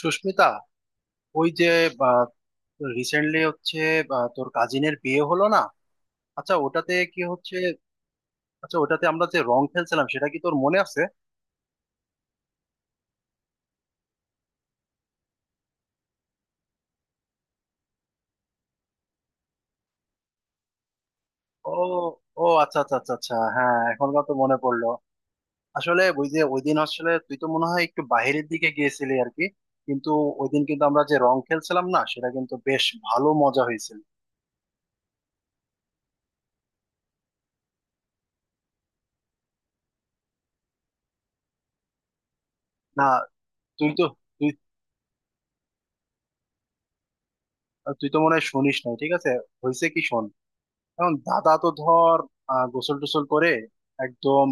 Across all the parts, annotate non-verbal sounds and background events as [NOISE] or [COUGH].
সুস্মিতা, ওই যে রিসেন্টলি হচ্ছে তোর কাজিনের বিয়ে হলো না? আচ্ছা ওটাতে কি হচ্ছে, আচ্ছা ওটাতে আমরা যে রং খেলছিলাম সেটা কি তোর মনে আছে? ও ও আচ্ছা আচ্ছা আচ্ছা আচ্ছা, হ্যাঁ এখনকার তো মনে পড়লো। আসলে ওই যে ওই দিন আসলে তুই তো মনে হয় একটু বাইরের দিকে গিয়েছিলি আর কি। কিন্তু ওই দিন কিন্তু আমরা যে রং খেলছিলাম না, সেটা কিন্তু বেশ ভালো মজা হয়েছিল। না, তুই তো তুই তুই তো মনে হয় শুনিস নাই, ঠিক আছে হয়েছে কি শোন। এখন দাদা তো ধর গোসল টোসল করে একদম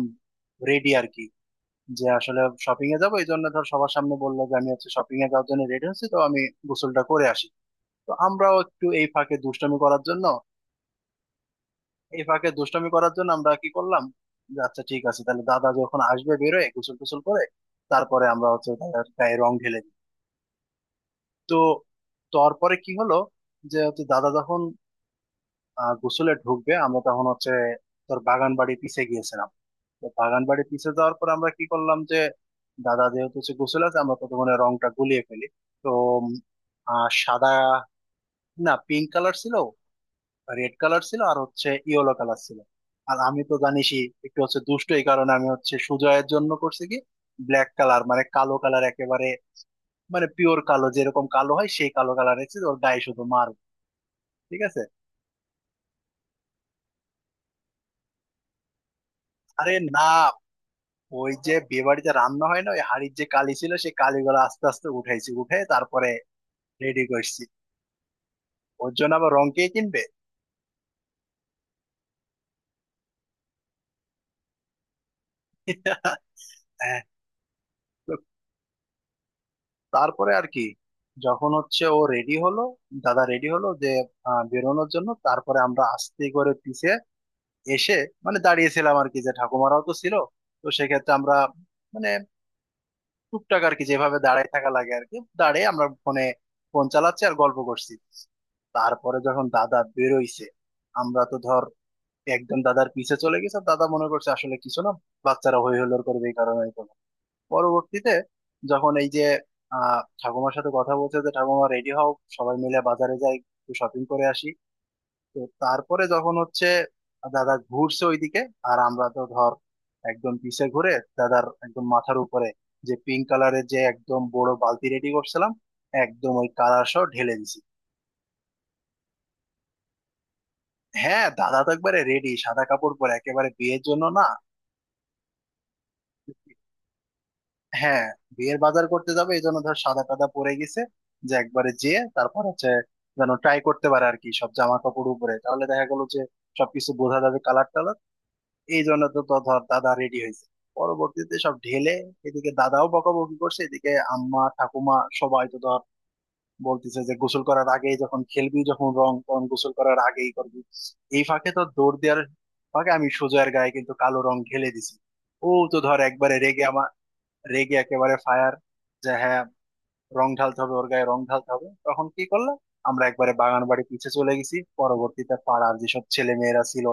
রেডি আর কি, যে আসলে শপিং এ যাবো, এই জন্য ধর সবার সামনে বললো যে আমি হচ্ছে শপিং এ যাওয়ার জন্য রেডি হচ্ছি, তো আমি গোসলটা করে আসি। তো আমরাও একটু এই ফাঁকে দুষ্টামি করার জন্য, এই ফাঁকে দুষ্টামি করার জন্য আমরা কি করলাম, যে আচ্ছা ঠিক আছে তাহলে দাদা যখন আসবে বেরোয় গোসল টোসল করে, তারপরে আমরা হচ্ছে দাদার গায়ে রং ঢেলে দিই। তো তারপরে কি হলো, যে হচ্ছে দাদা যখন গোসলে ঢুকবে, আমরা তখন হচ্ছে তোর বাগান বাড়ি পিছিয়ে গিয়েছিলাম। তো বাগান বাড়ির পিছে যাওয়ার পর আমরা কি করলাম, যে দাদা যেহেতু হচ্ছে গোসল আছে আমরা ততক্ষণে রংটা গুলিয়ে ফেলি। তো উম, সাদা না পিঙ্ক কালার ছিল, রেড কালার ছিল আর হচ্ছে ইয়েলো কালার ছিল। আর আমি তো জানিসই একটু হচ্ছে দুষ্ট, এই কারণে আমি হচ্ছে সুজয়ের জন্য করছি কি, ব্ল্যাক কালার মানে কালো কালার একেবারে, মানে পিওর কালো যেরকম কালো হয় সেই কালো কালার রেখেছি ওর গায়ে শুধু মার, ঠিক আছে। আরে না, ওই যে বিয়ে বাড়িতে রান্না হয় না ওই হাড়ির যে কালি ছিল সেই কালিগুলো আস্তে আস্তে উঠাইছি, উঠে তারপরে রেডি করছি। ওর জন্য আবার রং কে কিনবে? হ্যাঁ। তো তারপরে আর কি, যখন হচ্ছে ও রেডি হলো, দাদা রেডি হলো যে বেরোনোর জন্য, তারপরে আমরা আস্তে করে পিছে এসে মানে দাঁড়িয়েছিলাম আর কি, যে ঠাকুমারাও তো ছিল। তো সেক্ষেত্রে আমরা মানে টুকটাক আর কি, যেভাবে দাঁড়ায় থাকা লাগে আর কি দাঁড়িয়ে আমরা ফোনে ফোন চালাচ্ছি আর গল্প করছি। তারপরে যখন দাদা বেরোইছে আমরা তো ধর একদম দাদার পিছে চলে গেছে, দাদা মনে করছে আসলে কিছু না, বাচ্চারা হই হুল্লোড় করবে এই কারণে। পরবর্তীতে যখন এই যে ঠাকুমার সাথে কথা বলছে যে ঠাকুমা রেডি হও, সবাই মিলে বাজারে যাই একটু শপিং করে আসি। তো তারপরে যখন হচ্ছে দাদা ঘুরছে ওইদিকে আর আমরা তো ধর একদম পিছে ঘুরে দাদার একদম মাথার উপরে যে পিঙ্ক কালারের যে একদম বড় বালতি রেডি করছিলাম, একদম ওই কালার সহ ঢেলে দিছি। হ্যাঁ দাদা তো একবারে রেডি, সাদা কাপড় পরে একেবারে বিয়ের জন্য না। হ্যাঁ, বিয়ের বাজার করতে যাবে এই জন্য ধর সাদা টাদা পরে গেছে, যে একবারে যেয়ে তারপর হচ্ছে যেন ট্রাই করতে পারে আর কি সব জামা কাপড় উপরে, তাহলে দেখা গেল যে সবকিছু বোঝা যাবে কালার টালার। এই জন্য তো তো ধর দাদা রেডি হয়েছে, পরবর্তীতে সব ঢেলে এদিকে দাদাও বকাবকি করছে, এদিকে আম্মা ঠাকুমা সবাই তো ধর বলতেছে যে গোসল করার আগেই যখন খেলবি যখন রং তখন গোসল করার আগেই করবি। এই ফাঁকে তো দৌড় দেওয়ার ফাঁকে আমি সোজার গায়ে কিন্তু কালো রং ঢেলে দিছি। ও তো ধর একবারে রেগে আমার, রেগে একেবারে ফায়ার যে হ্যাঁ রং ঢালতে হবে, ওর গায়ে রং ঢালতে হবে। তখন কি করলাম, আমরা একবারে বাগান বাড়ি পিছে চলে গেছি, পরবর্তীতে পাড়ার যেসব ছেলে মেয়েরা ছিল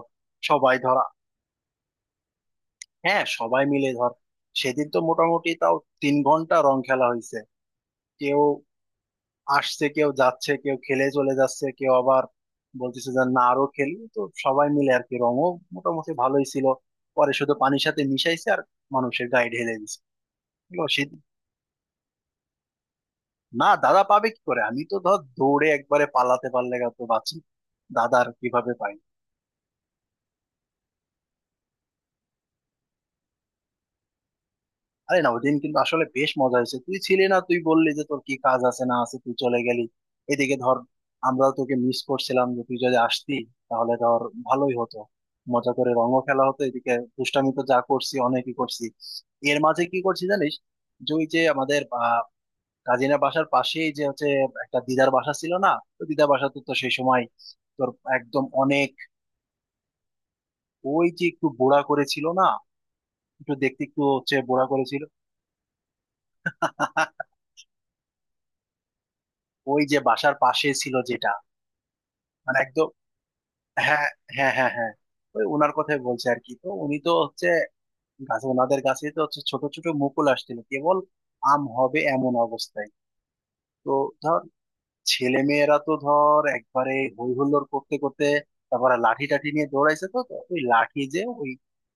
সবাই ধরা, হ্যাঁ সবাই মিলে ধর সেদিন তো মোটামুটি তাও 3 ঘন্টা রং খেলা হয়েছে। কেউ আসছে কেউ যাচ্ছে কেউ খেলে চলে যাচ্ছে কেউ আবার বলতেছে যে না আরো খেলি, তো সবাই মিলে আর কি রঙও মোটামুটি ভালোই ছিল। পরে শুধু পানির সাথে মিশাইছে আর মানুষের গায়ে ঢেলে দিছে। না, দাদা পাবে কি করে, আমি তো ধর দৌড়ে একবারে পালাতে পারলে গা তো বাঁচি, দাদার কিভাবে পাই। আরে না, ওই দিন কিন্তু আসলে বেশ মজা হয়েছে, তুই ছিলি না, তুই বললি যে তোর কি কাজ আছে না আছে তুই চলে গেলি। এদিকে ধর আমরাও তোকে মিস করছিলাম, যে তুই যদি আসতি তাহলে ধর ভালোই হতো, মজা করে রঙও খেলা হতো। এদিকে দুষ্টামি তো যা করছি অনেকই করছি। এর মাঝে কি করছি জানিস, যে ওই যে আমাদের কাজিনা বাসার পাশেই যে হচ্ছে একটা দিদার বাসা ছিল না, তো দিদার বাসা তো তো সেই সময় তোর একদম অনেক ওই যে একটু বোড়া করেছিল না, একটু দেখতে একটু হচ্ছে বোড়া করেছিল। [LAUGHS] ওই যে বাসার পাশে ছিল যেটা, মানে একদম, হ্যাঁ হ্যাঁ, ওই ওনার কথাই বলছে আর কি। তো উনি তো হচ্ছে গাছে, ওনাদের গাছে তো হচ্ছে ছোট ছোট মুকুল আসছিল কেবল, আম হবে এমন অবস্থায়। তো ধর ছেলে মেয়েরা তো ধর একবারে হই হুল্লোড় করতে করতে তারপরে লাঠি টাঠি নিয়ে দৌড়াইছে, তো তো ওই লাঠি যে ওই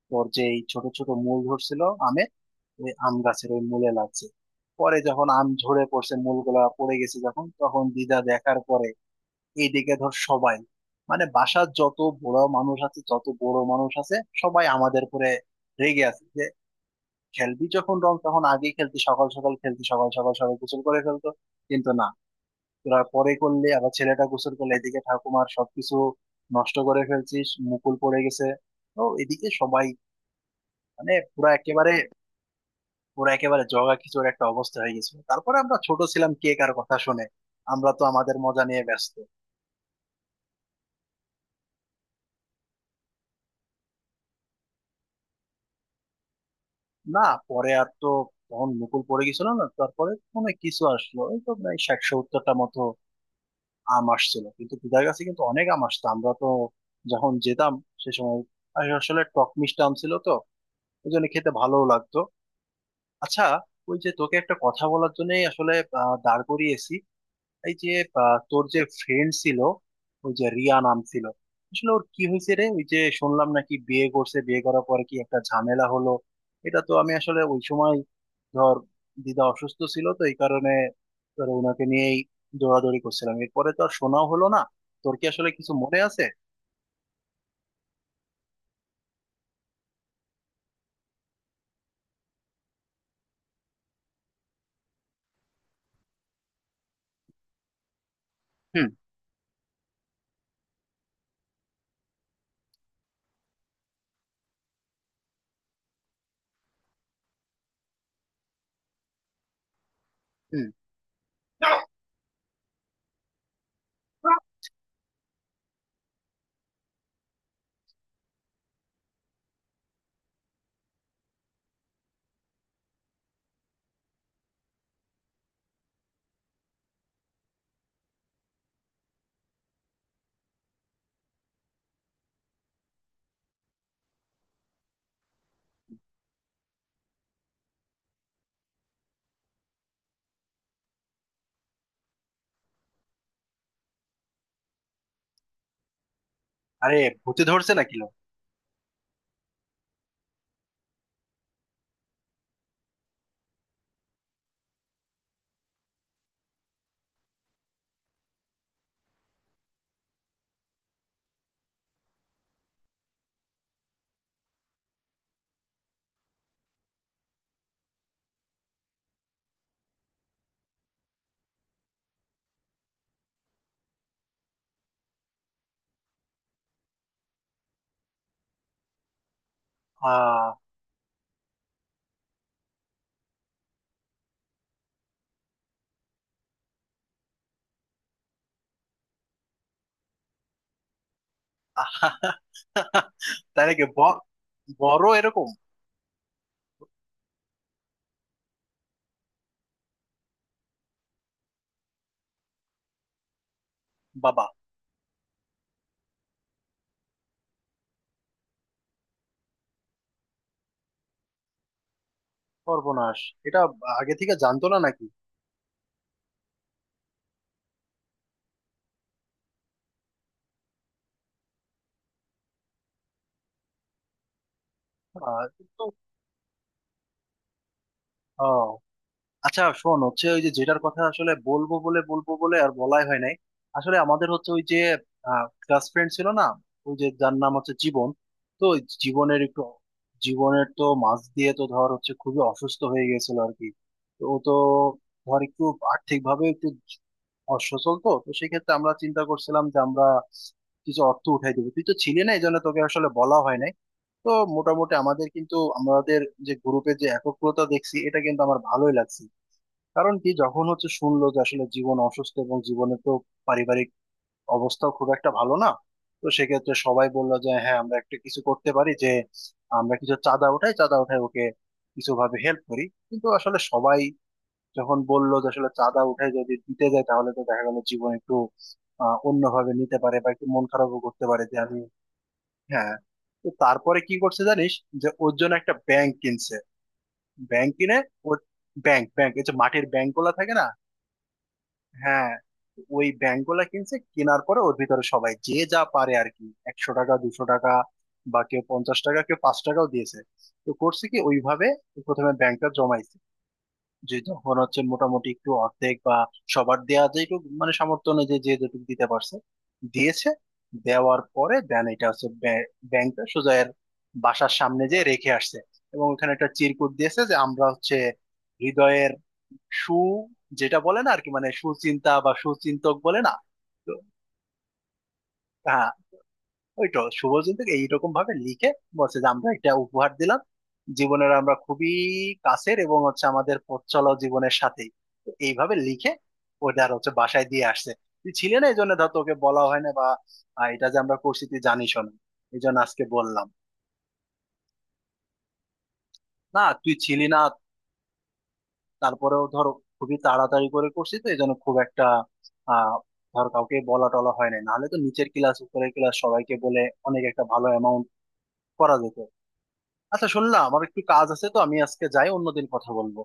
তোর যে এই ছোট ছোট মূল ধরছিল আমের, ওই আম গাছের ওই মূলে লাগছে। পরে যখন আম ঝরে পড়ছে, মূলগুলা পড়ে গেছে যখন, তখন দিদা দেখার পরে এইদিকে ধর সবাই মানে বাসার যত বড় মানুষ আছে, যত বড় মানুষ আছে সবাই আমাদের উপরে রেগে আছে যে খেলবি যখন রং তখন আগে খেলতি, সকাল সকাল খেলতি, সকাল সকাল সবাই গোসল করে ফেলতো, কিন্তু না তোরা পরে করলে, আবার ছেলেটা গোসল করলে এদিকে ঠাকুমার সবকিছু নষ্ট করে ফেলছিস মুকুল পড়ে গেছে। তো এদিকে সবাই মানে পুরা একেবারে, পুরো একেবারে জগা খিচুড়ি একটা অবস্থা হয়ে গেছিল। তারপরে আমরা ছোট ছিলাম, কে কার কথা শুনে, আমরা তো আমাদের মজা নিয়ে ব্যস্ত। না, পরে আর তো তখন মুকুল পড়ে গেছিল না, তারপরে মনে কিছু আসলো, ওই তো প্রায় 60-70টা মতো আম আসছিল কিন্তু, দিদার কাছে কিন্তু অনেক আম আসতো, আমরা তো যখন যেতাম সে সময়। আর আসলে টক মিষ্টি আম ছিল তো, ওই জন্য খেতে ভালোও লাগতো। আচ্ছা, ওই যে তোকে একটা কথা বলার জন্যই আসলে দাঁড় করিয়েছি। এই যে তোর যে ফ্রেন্ড ছিল ওই যে রিয়া নাম ছিল, আসলে ওর কি হয়েছে রে? ওই যে শুনলাম নাকি বিয়ে করছে, বিয়ে করার পরে কি একটা ঝামেলা হলো, এটা তো আমি আসলে ওই সময় ধর দিদা অসুস্থ ছিল তো এই কারণে ধর ওনাকে নিয়েই দৌড়াদৌড়ি করছিলাম, এরপরে তো আর শোনাও হলো না। তোর কি আসলে কিছু মনে আছে? হুম। হুম। আরে, ভূতে ধরছে নাকি লো? আহ তাই নাকি? ব- বড় এরকম? বাবা, সর্বনাশ। এটা আগে থেকে জানতো না নাকি? কিন্তু আহ, আচ্ছা শোন হচ্ছে ওই যে যেটার কথা আসলে বলবো বলে বলবো বলে আর বলাই হয় নাই। আসলে আমাদের হচ্ছে ওই যে ক্লাস ফ্রেন্ড ছিল না ওই যে যার নাম হচ্ছে জীবন, তো ওই জীবনের একটু, জীবনের তো মাঝ দিয়ে তো ধর হচ্ছে খুবই অসুস্থ হয়ে গেছিল আর কি। তো ও তো ধর একটু আর্থিক ভাবে একটু অসচল, তো তো সেক্ষেত্রে আমরা চিন্তা করছিলাম যে আমরা কিছু অর্থ উঠাই দেবো। তুই তো ছিলি না এই জন্য তোকে আসলে বলা হয় নাই। তো মোটামুটি আমাদের কিন্তু, আমাদের যে গ্রুপে যে একগ্রতা দেখছি এটা কিন্তু আমার ভালোই লাগছে। কারণ কি, যখন হচ্ছে শুনলো যে আসলে জীবন অসুস্থ, এবং জীবনে তো পারিবারিক অবস্থাও খুব একটা ভালো না, তো সেক্ষেত্রে সবাই বললো যে হ্যাঁ আমরা একটা কিছু করতে পারি, যে আমরা কিছু চাঁদা উঠাই, ওকে কিছু ভাবে হেল্প করি। কিন্তু আসলে সবাই যখন বললো যে আসলে চাঁদা উঠাই যদি দিতে যায় তাহলে তো দেখা গেল জীবন একটু অন্যভাবে নিতে পারে বা একটু মন খারাপও করতে পারে যে আমি, হ্যাঁ। তো তারপরে কি করছে জানিস, যে ওর জন্য একটা ব্যাংক কিনছে, ব্যাংক কিনে ওর, ব্যাংক ব্যাংক এই যে মাটির ব্যাংক গুলা থাকে না, হ্যাঁ ওই ব্যাংক গুলা কিনছে। কেনার পরে ওর ভিতরে সবাই যে যা পারে আর কি, 100 টাকা 200 টাকা বা কেউ 50 টাকা কেউ 5 টাকাও দিয়েছে। তো করছে কি ওইভাবে প্রথমে ব্যাংকটা জমাইছে, যে তখন হচ্ছে মোটামুটি একটু অর্ধেক বা, সবার দেয়া যেটুকু মানে সামর্থ্য অনুযায়ী যে যেটুকু দিতে পারছে দিয়েছে। দেওয়ার পরে দেন এটা হচ্ছে ব্যাংকটা সোজা এর বাসার সামনে যে রেখে আসছে, এবং ওখানে একটা চিরকুট দিয়েছে যে আমরা হচ্ছে হৃদয়ের সু, যেটা বলে না আর কি, মানে সুচিন্তা বা সুচিন্তক বলে না, তো হ্যাঁ, ওই তো শুভজিৎ এইরকম ভাবে লিখে বলছে যে আমরা একটা উপহার দিলাম, জীবনের আমরা খুবই কাছের এবং হচ্ছে আমাদের পথ চলা জীবনের সাথেই। তো এইভাবে লিখে ওটা আর হচ্ছে বাসায় দিয়ে আসছে। তুই ছিলি না এই জন্য ধর তোকে বলা হয় না বা এটা যে আমরা করছি তুই জানিস না, এই জন্য আজকে বললাম। না, তুই ছিলি না, তারপরেও ধর খুবই তাড়াতাড়ি করে করছি তো এই জন্য খুব একটা আহ ধর কাউকে বলা টলা হয় না, নাহলে তো নিচের ক্লাস উপরের ক্লাস সবাইকে বলে অনেক একটা ভালো অ্যামাউন্ট করা যেত। আচ্ছা শোন না, আমার একটু কাজ আছে তো আমি আজকে যাই, অন্যদিন কথা বলবো।